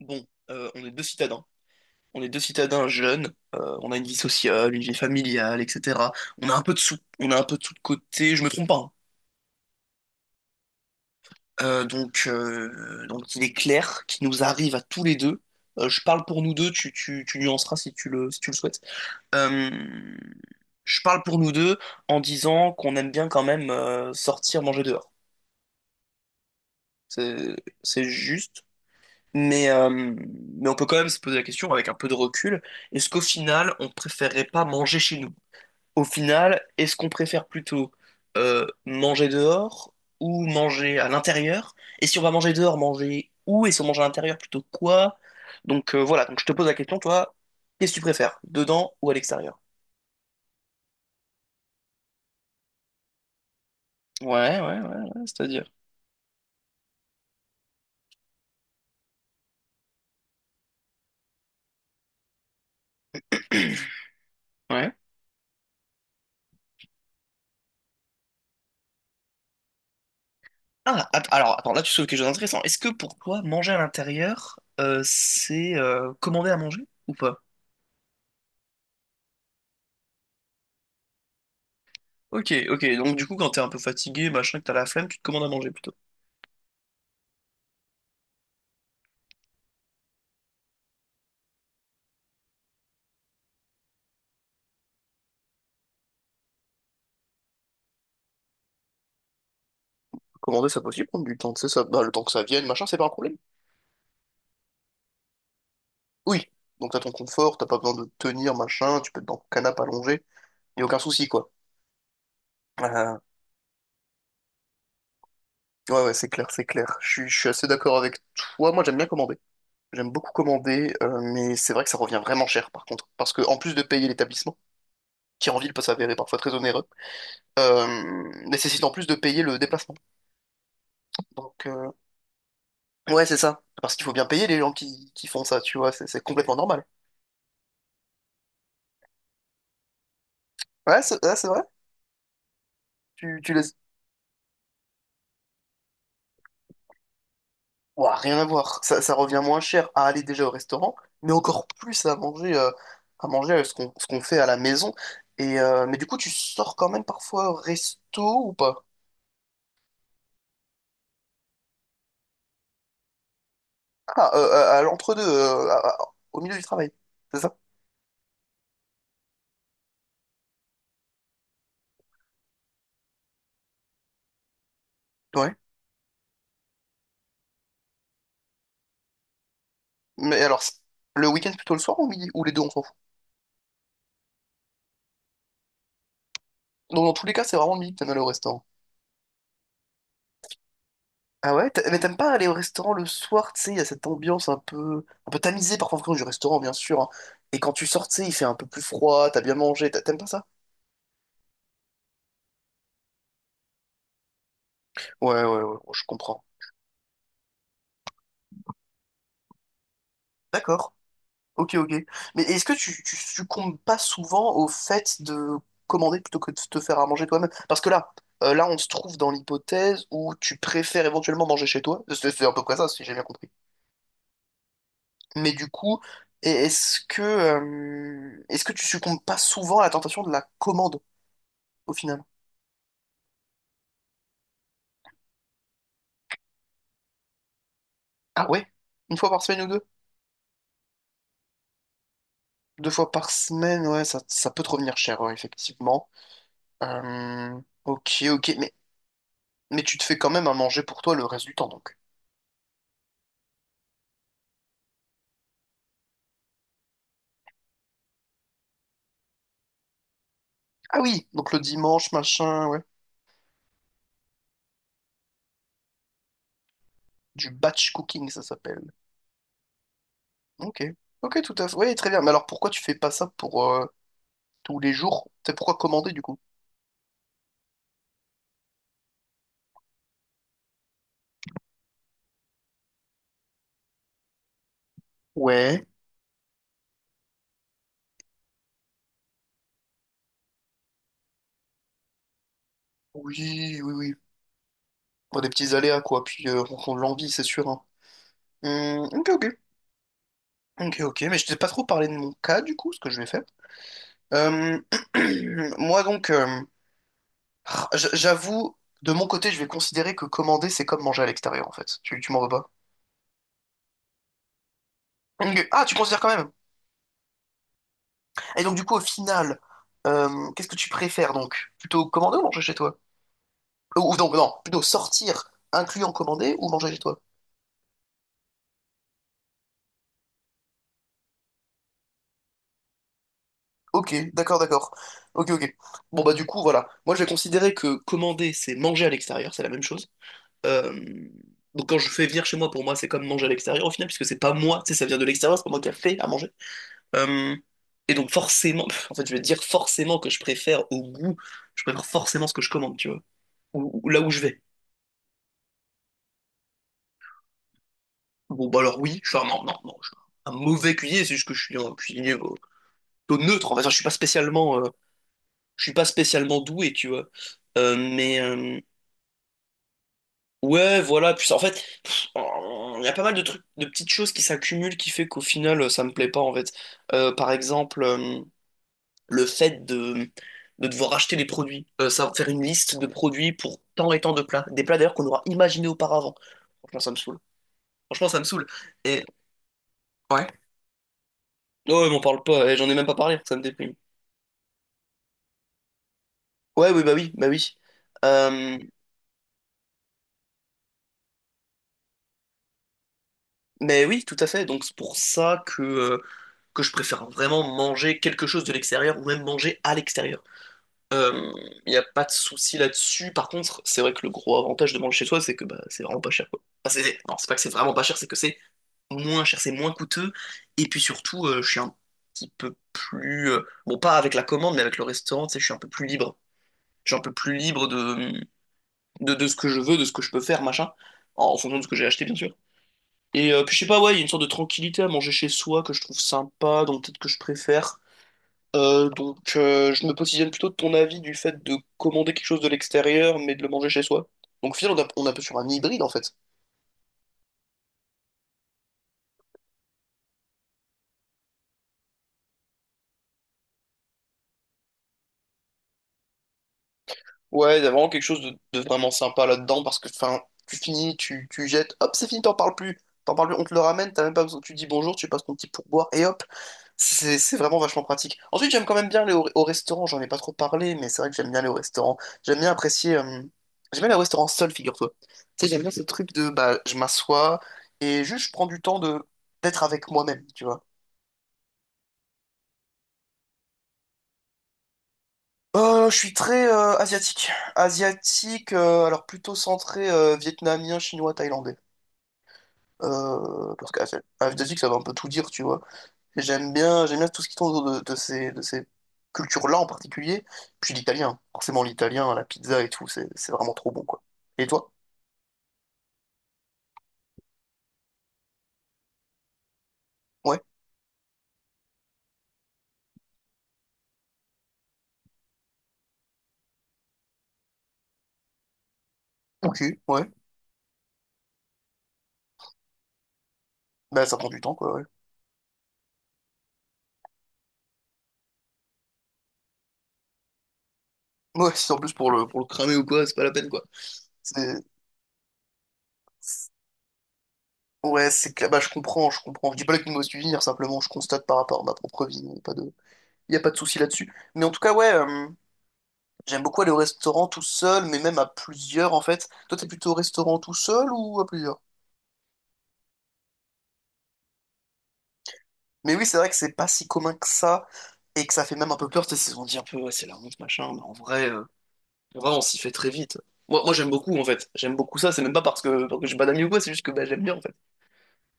Bon, on est deux citadins. On est deux citadins jeunes. On a une vie sociale, une vie familiale, etc. On a un peu de sous, on a un peu de sous de côté. Je me trompe pas, hein. Donc il est clair qu'il nous arrive à tous les deux. Je parle pour nous deux. Tu nuanceras si tu le souhaites. Euh, je parle pour nous deux en disant qu'on aime bien quand même sortir manger dehors. C'est, c'est juste. Mais on peut quand même se poser la question avec un peu de recul, est-ce qu'au final, on préférerait pas manger chez nous? Au final, est-ce qu'on préfère plutôt manger dehors ou manger à l'intérieur? Et si on va manger dehors, manger où? Et si on mange à l'intérieur, plutôt quoi? Voilà, donc je te pose la question, toi, qu'est-ce que tu préfères, dedans ou à l'extérieur? Ouais, ouais, ouais, ouais, c'est-à-dire. Ouais. Ah, alors attends, là tu souleves quelque chose d'intéressant. Est-ce que pour toi, manger à l'intérieur, c'est commander à manger ou pas? Ok, ok. Donc du coup, quand t'es un peu fatigué, machin, que t'as la flemme, tu te commandes à manger plutôt. Commander, ça peut aussi prendre du temps, tu sais, ça, bah, le temps que ça vienne, machin, c'est pas un problème. Oui. Donc t'as ton confort, t'as pas besoin de te tenir, machin, tu peux être dans ton canapé allongé, y a aucun souci, quoi. Euh, ouais, ouais, c'est clair, c'est clair. Je suis assez d'accord avec toi. Moi, j'aime bien commander. J'aime beaucoup commander, mais c'est vrai que ça revient vraiment cher, par contre. Parce que, en plus de payer l'établissement, qui en ville peut s'avérer parfois très onéreux, nécessite en plus de payer le déplacement. Donc, euh, Ouais, c'est ça. Parce qu'il faut bien payer les gens qui font ça, tu vois, c'est complètement normal. Ouais, c'est vrai. Tu laisses... Ouah, rien à voir. Ça revient moins cher à aller déjà au restaurant, mais encore plus à manger, ce qu'on fait à la maison. Et, mais du coup, tu sors quand même parfois au resto ou pas? Ah, à l'entre-deux, au milieu du travail, c'est ça? Ouais. Mais alors, le week-end plutôt le soir ou midi? Ou les deux, on s'en fout. Donc, dans tous les cas, c'est vraiment le midi que t'aimes aller au restaurant. Ah ouais? Mais t'aimes pas aller au restaurant le soir, tu sais, il y a cette ambiance un peu tamisée parfois en France du restaurant, bien sûr, hein. Et quand tu sors, tu sais, il fait un peu plus froid, t'as bien mangé, t'aimes pas ça? Ouais, ouais, ouais, je comprends. D'accord. Ok, ok. Mais est-ce que tu succombes pas souvent au fait de commander plutôt que de te faire à manger toi-même? Parce que là, on se trouve dans l'hypothèse où tu préfères éventuellement manger chez toi. C'est à peu près ça, si j'ai bien compris. Mais du coup, est-ce que tu succombes pas souvent à la tentation de la commande au final? Ah ouais? Une fois par semaine ou deux? Deux fois par semaine, ouais, ça peut te revenir cher, ouais, effectivement. Euh, ok, ok, mais tu te fais quand même à manger pour toi le reste du temps, donc. Ah oui, donc le dimanche, machin, ouais. Du batch cooking, ça s'appelle. Ok, ok, tout à fait. Ouais, très bien. Mais alors pourquoi tu fais pas ça pour tous les jours? C'est pourquoi commander, du coup? Ouais. Oui, oui, oui. Pour des petits aléas, quoi. Puis en fonction de l'envie, c'est sûr, hein. Ok, ok. Ok, ok. Mais je t'ai pas trop parlé de mon cas, du coup, ce que je vais faire. Euh, moi donc, j'avoue, de mon côté, je vais considérer que commander, c'est comme manger à l'extérieur en fait. Tu m'en veux pas? Ok. Ah, tu considères quand même. Et donc du coup, au final, qu'est-ce que tu préfères donc? Plutôt commander ou manger chez toi? Ou donc non, plutôt sortir, incluant commander ou manger chez toi? Ok, d'accord, d'accord. Ok, ok. Bon bah du coup, voilà. Moi, je vais considérer que commander, c'est manger à l'extérieur, c'est la même chose. Euh, Donc quand je fais venir chez moi, pour moi, c'est comme manger à l'extérieur au final, puisque c'est pas moi, tu sais, ça vient de l'extérieur, c'est pas moi qui a fait à manger. Euh, et donc forcément, en fait, je vais te dire forcément que je préfère au goût, je préfère forcément ce que je commande, tu vois, ou là où je vais. Bon, bah alors oui, non, non, non, je suis un mauvais cuisinier, c'est juste que je suis un cuisinier plutôt neutre, en fait, je suis pas spécialement doué, tu vois. Mais ouais, voilà, puis en fait, il y a pas mal de trucs, de petites choses qui s'accumulent qui fait qu'au final, ça me plaît pas, en fait. Par exemple, le fait de devoir acheter des produits. Ça faire une liste de produits pour tant et tant de plats. Des plats d'ailleurs qu'on aura imaginé auparavant. Franchement, ça me saoule. Franchement, ça me saoule. Et ouais. Non, ouais, m'en parle pas. Eh, j'en ai même pas parlé. Ça me déprime. Ouais, oui, bah oui, bah oui. Euh, mais oui, tout à fait. Donc c'est pour ça que je préfère vraiment manger quelque chose de l'extérieur ou même manger à l'extérieur. Euh, Il n'y a pas de souci là-dessus. Par contre, c'est vrai que le gros avantage de manger chez soi, c'est que bah, c'est vraiment pas cher, quoi. Enfin, non, c'est pas que c'est vraiment pas cher, c'est que c'est moins cher, c'est moins coûteux. Et puis surtout, je suis un petit peu plus, bon, pas avec la commande, mais avec le restaurant, tu sais, je suis un peu plus libre. Je suis un peu plus libre de ce que je veux, de ce que je peux faire, machin. En fonction de ce que j'ai acheté, bien sûr. Et puis je sais pas, ouais, il y a une sorte de tranquillité à manger chez soi que je trouve sympa, donc peut-être que je préfère. Donc, je me positionne plutôt de ton avis du fait de commander quelque chose de l'extérieur, mais de le manger chez soi. Donc, au final, on est un peu sur un hybride, en fait. Ouais, il y a vraiment quelque chose de vraiment sympa là-dedans parce que enfin, tu finis, tu jettes, hop, c'est fini, t'en parles plus. T'en parles plus, on te le ramène, t'as même pas besoin, tu dis bonjour, tu passes ton petit pourboire et hop, c'est vraiment vachement pratique. Ensuite, j'aime quand même bien aller au restaurant, j'en ai pas trop parlé, mais c'est vrai que j'aime bien aller au restaurant. J'aime bien apprécier, j'aime bien aller au restaurant seul, figure-toi. Tu sais, j'aime bien ce truc de bah, je m'assois et juste je prends du temps de d'être avec moi-même, tu vois. Je suis très asiatique. Asiatique, alors plutôt centré vietnamien, chinois, thaïlandais. Parce qu'AF2X, ça va un peu tout dire, tu vois. Et j'aime bien tout ce qui tourne autour de ces cultures-là en particulier. Puis l'italien, forcément l'italien, la pizza et tout, c'est vraiment trop bon, quoi. Et toi? Ouais, ok, ouais. Bah ça prend du temps, quoi, ouais. Ouais, si en plus pour le cramer ou quoi, c'est pas la peine, quoi. C'est... Ouais, c'est que bah, je comprends, je comprends. Je dis pas que nous me suivre, simplement je constate par rapport à ma propre vie, il y a pas de souci là-dessus. Mais en tout cas, ouais, j'aime beaucoup aller au restaurant tout seul, mais même à plusieurs en fait. Toi, t'es plutôt au restaurant tout seul ou à plusieurs? Mais oui, c'est vrai que c'est pas si commun que ça et que ça fait même un peu peur. Tu sais, on dit un peu, ouais, c'est la honte, machin, mais en vrai, on s'y fait très vite. Moi j'aime beaucoup en fait. J'aime beaucoup ça. C'est même pas parce que j'ai pas d'amis ou quoi, c'est juste que bah, j'aime bien en fait.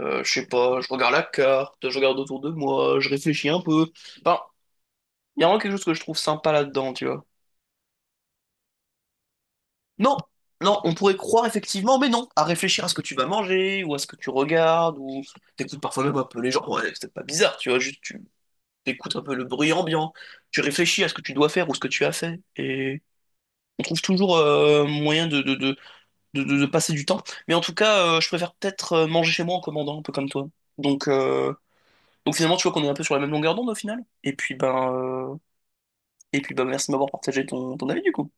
Je sais pas, je regarde la carte, je regarde autour de moi, je réfléchis un peu. Enfin, il y a vraiment quelque chose que je trouve sympa là-dedans, tu vois. Non, non, on pourrait croire effectivement, mais non, à réfléchir à ce que tu vas manger, ou à ce que tu regardes, ou t'écoutes parfois même un peu les gens, ouais, c'est pas bizarre, tu vois, juste tu t'écoutes un peu le bruit ambiant, tu réfléchis à ce que tu dois faire ou ce que tu as fait, et on trouve toujours moyen de passer du temps. Mais en tout cas, je préfère peut-être manger chez moi en commandant, un peu comme toi. Donc, euh, donc, finalement, tu vois qu'on est un peu sur la même longueur d'onde au final. Et puis ben, merci de m'avoir partagé ton avis du coup.